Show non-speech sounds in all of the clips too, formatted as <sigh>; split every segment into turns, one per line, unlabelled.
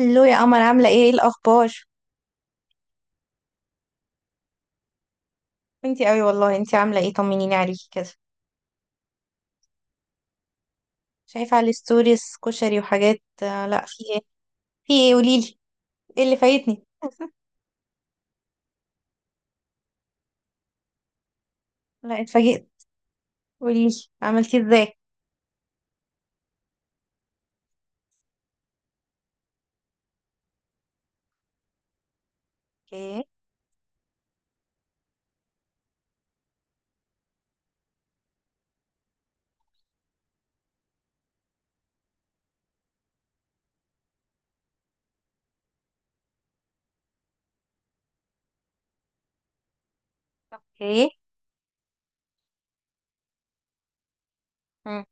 الو يا قمر، عاملة ايه الأخبار؟ انتي قوي والله، انتي عاملة ايه، طمنيني عليكي كده. شايفة على الستوريز كشري وحاجات، لا، في ايه؟ في ايه قوليلي، ايه اللي فايتني؟ لا، اتفاجئت. قوليلي، عملتي ازاي؟ اوكي. اوكي. مم.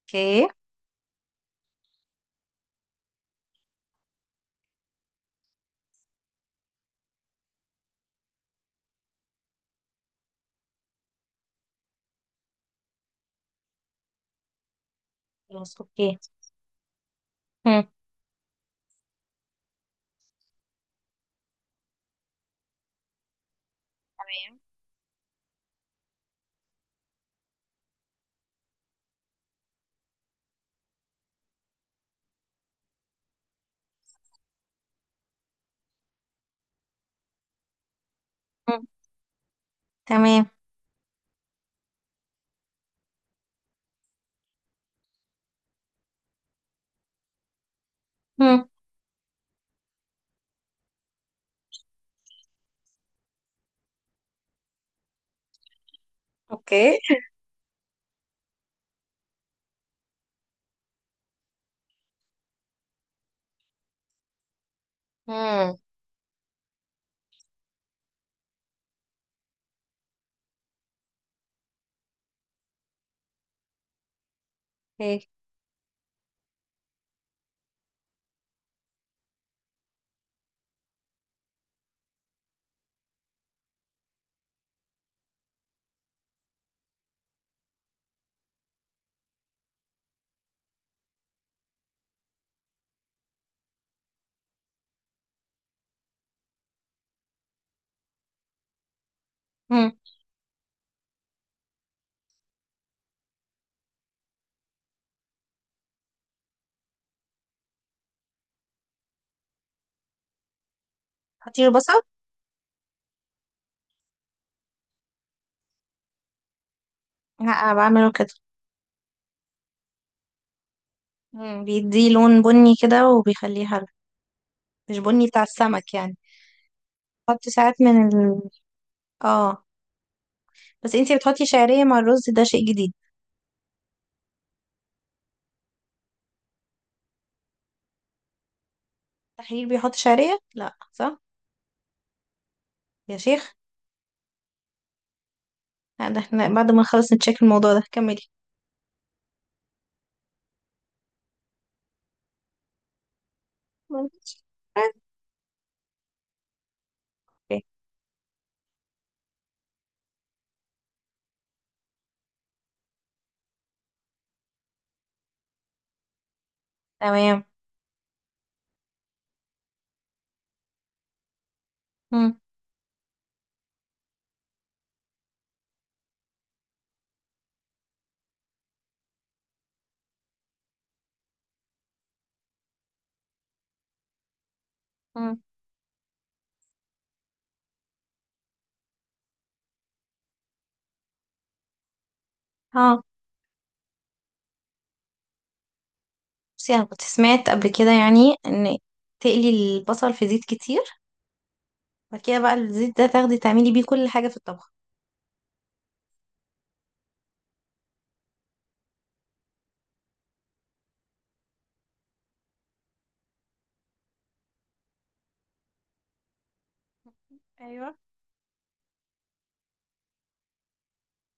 اوكي. خلاص، اوكي. مم. مم. تمام. مم. اوكي. مم. اوكي. مم. حطيله بصل؟ لا، أنا بعمله كده. مم. بيديه لون بني كده وبيخليه حلو، مش بني بتاع السمك يعني. حط ساعات من ال، اه. بس انتي بتحطي شعرية مع الرز، ده شيء جديد. التحرير بيحط شعرية، لا صح؟ يا شيخ! لا، ده احنا بعد ما نخلص نتشيك الموضوع ده. كملي. ماشي. اوكي، تمام. مم. مم. اه. بصي، انا كنت سمعت قبل كده يعني، ان تقلي البصل في زيت كتير، بعد كده بقى الزيت ده تاخدي تعملي بيه كل حاجة في الطبخ. ايوه.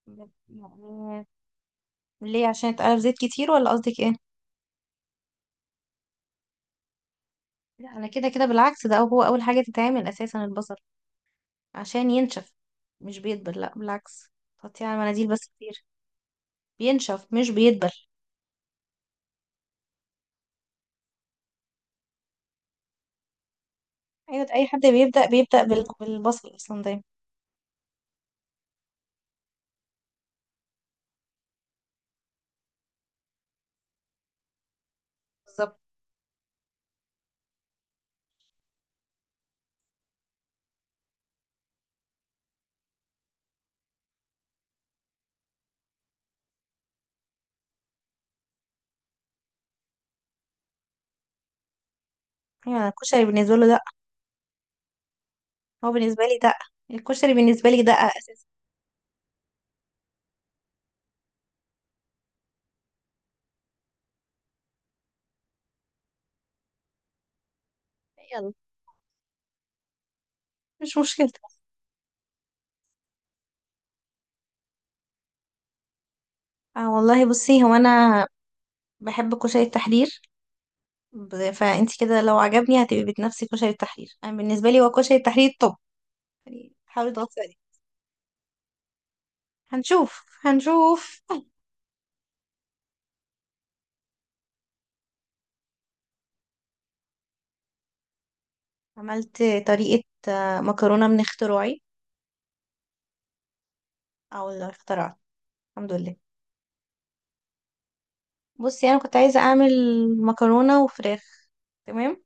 يعني ليه، عشان اتقلب زيت كتير ولا قصدك ايه؟ لا، انا كده كده بالعكس، ده هو اول حاجة تتعمل اساسا البصل، عشان ينشف، مش بيدبل، لا بالعكس، تحطيه على المناديل بس كتير. بينشف، مش بيدبل. ايوه، ده اي حد بيبدأ بالبصل اصلا دايما. بالظبط. ايوه، أنا الكشري بالنسبة له دقة، هو بالنسبة لي دقة، الكشري بالنسبة لي دقة اساسا. يلا، مش مشكلة. اه والله، بصي هو انا بحب كشري التحرير. فانت كده لو عجبني هتبقي بتنافسي كشري التحرير، انا بالنسبة لي هو كشري التحرير. طب يعني حاولي تغطي عليه. هنشوف هنشوف. عملت طريقة مكرونة من اختراعي. اه والله اخترعت، الحمد لله. بصي، انا كنت عايزه اعمل مكرونه وفراخ. تمام.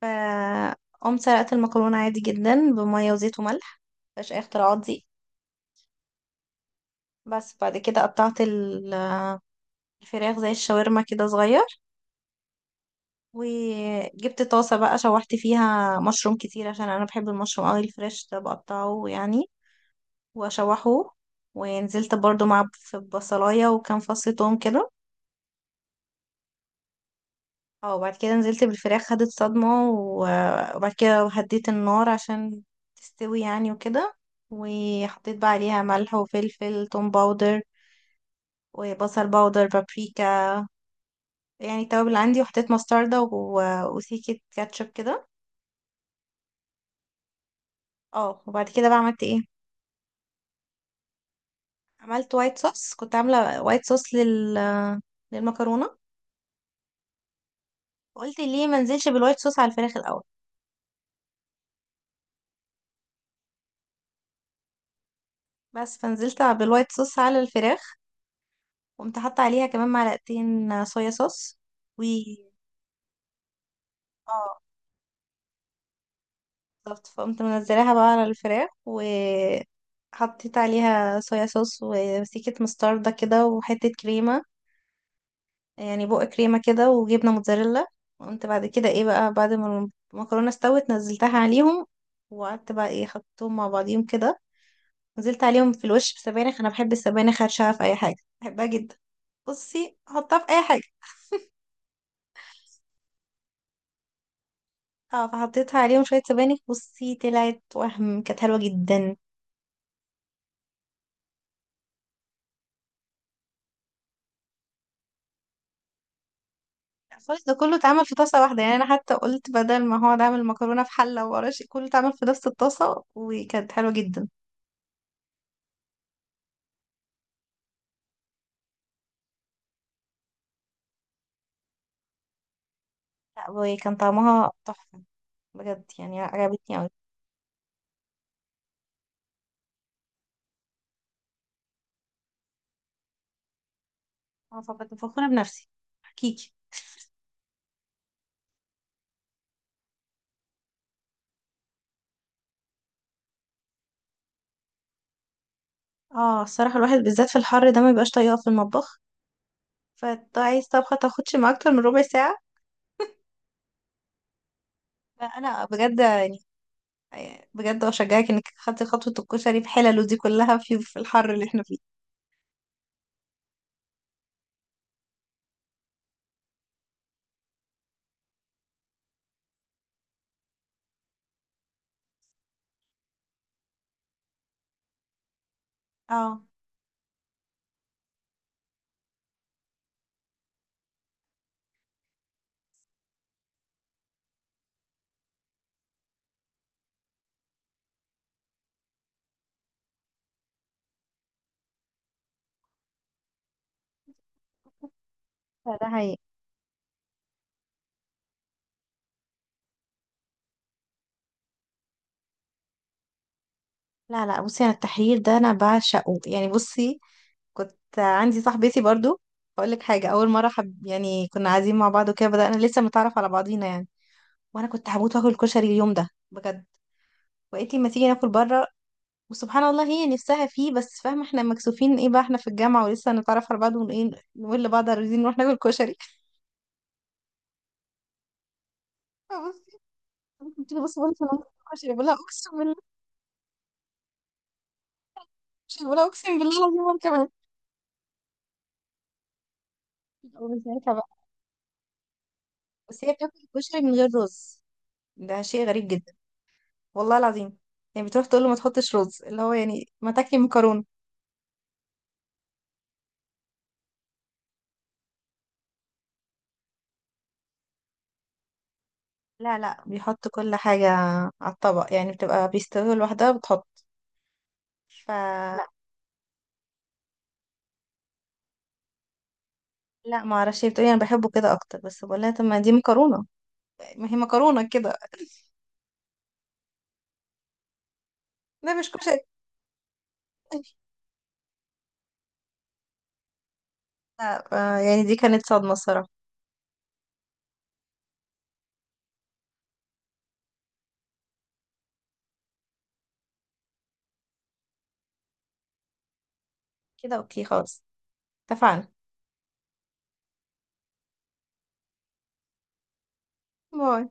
ف قمت سلقت المكرونه عادي جدا بميه وزيت وملح، مفيهاش اي اختراعات دي. بس بعد كده قطعت الفراخ زي الشاورما كده صغير، وجبت طاسه بقى شوحت فيها مشروم كتير عشان انا بحب المشروم قوي، الفريش ده بقطعه يعني واشوحه، ونزلت برضو في بصلايه وكام فص توم كده. اه، وبعد كده نزلت بالفراخ، خدت صدمة وبعد كده هديت النار عشان تستوي يعني وكده، وحطيت بقى عليها ملح وفلفل، توم باودر وبصل باودر، بابريكا، يعني التوابل اللي عندي، وحطيت مستردة وسيكة كاتشب كده. اه، وبعد كده بقى عملت ايه؟ عملت وايت صوص، كنت عاملة وايت صوص للمكرونة، قلت ليه ما نزلش بالوايت صوص على الفراخ الأول؟ بس فنزلت بالوايت صوص على الفراخ، قمت حاطة عليها كمان معلقتين صويا صوص. و اه، بالظبط، فقمت منزلاها بقى على الفراخ، وحطيت عليها صويا صوص وسيكة مستردة كده وحتة كريمة، يعني بق كريمة كده، وجبنة موتزاريلا. وقمت بعد كده ايه بقى بعد ما المكرونة استوت نزلتها عليهم، وقعدت بقى ايه، حطيتهم مع بعضيهم كده، نزلت عليهم في الوش بسبانخ، انا بحب السبانخ هرشها في اي حاجة، بحبها جدا، بصي حطها في اي حاجة. اه، فحطيتها عليهم شوية سبانخ. بصي، طلعت وهم كانت حلوة جدا. الخالص ده كله اتعمل في طاسة واحدة يعني، أنا حتى قلت بدل ما هو عامل مكرونة في حلة وقراش، كله اتعمل في نفس الطاسة وكانت حلوة جدا. لا، وكان طعمها تحفة، بجد يعني، عجبتني أوي. أنا فكنت فخورة بنفسي، حقيقي. اه، الصراحة الواحد بالذات في الحر ده ما بيبقاش طايقة في المطبخ، فانت عايز طبخة تاخدش ما أكتر من ربع ساعة. فأنا بجد يعني، بجد أشجعك إنك خدتي خطوة الكشري بحلله دي كلها في الحر اللي احنا فيه. اه، فده حقيقي. لا لا، بصي انا التحرير ده انا بعشقه يعني. بصي، كنت عندي صاحبتي برضو، اقول لك حاجه، اول مره حب يعني، كنا قاعدين مع بعض وكده، بدانا لسه متعرف على بعضينا يعني، وانا كنت هموت واكل كشري اليوم ده بجد، وقالت لي ما تيجي ناكل بره، وسبحان الله هي نفسها فيه. بس فاهمه احنا مكسوفين، ايه بقى احنا في الجامعه ولسه نتعرف على بعض، ونقول نقول لبعض عايزين نروح ناكل كشري. <laughs> فبصي، أنا كنت بص بقول لها كشري، بقول لها اقسم بالله، كشري بقول لها اقسم بالله العظيم، وانا كمان. <laughs> ومن ساعتها بقى. بس هي بتاكل كشري من غير رز، ده شيء غريب جدا، والله العظيم. يعني بتروح تقول له ما تحطش رز، اللي هو يعني ما تاكلي مكرونه. لا لا، بيحط كل حاجه على الطبق يعني، بتبقى بيستوي لوحدها بتحط. ف لا. لا ما اعرفش، هي بتقولي انا بحبه كده اكتر، بس بقول لها طب ما دي مكرونه، ما هي مكرونه كده. <laughs> ده مش كشري. لا يعني دي كانت صدمه الصراحه. كده اوكي، خلاص، اتفقنا. باي.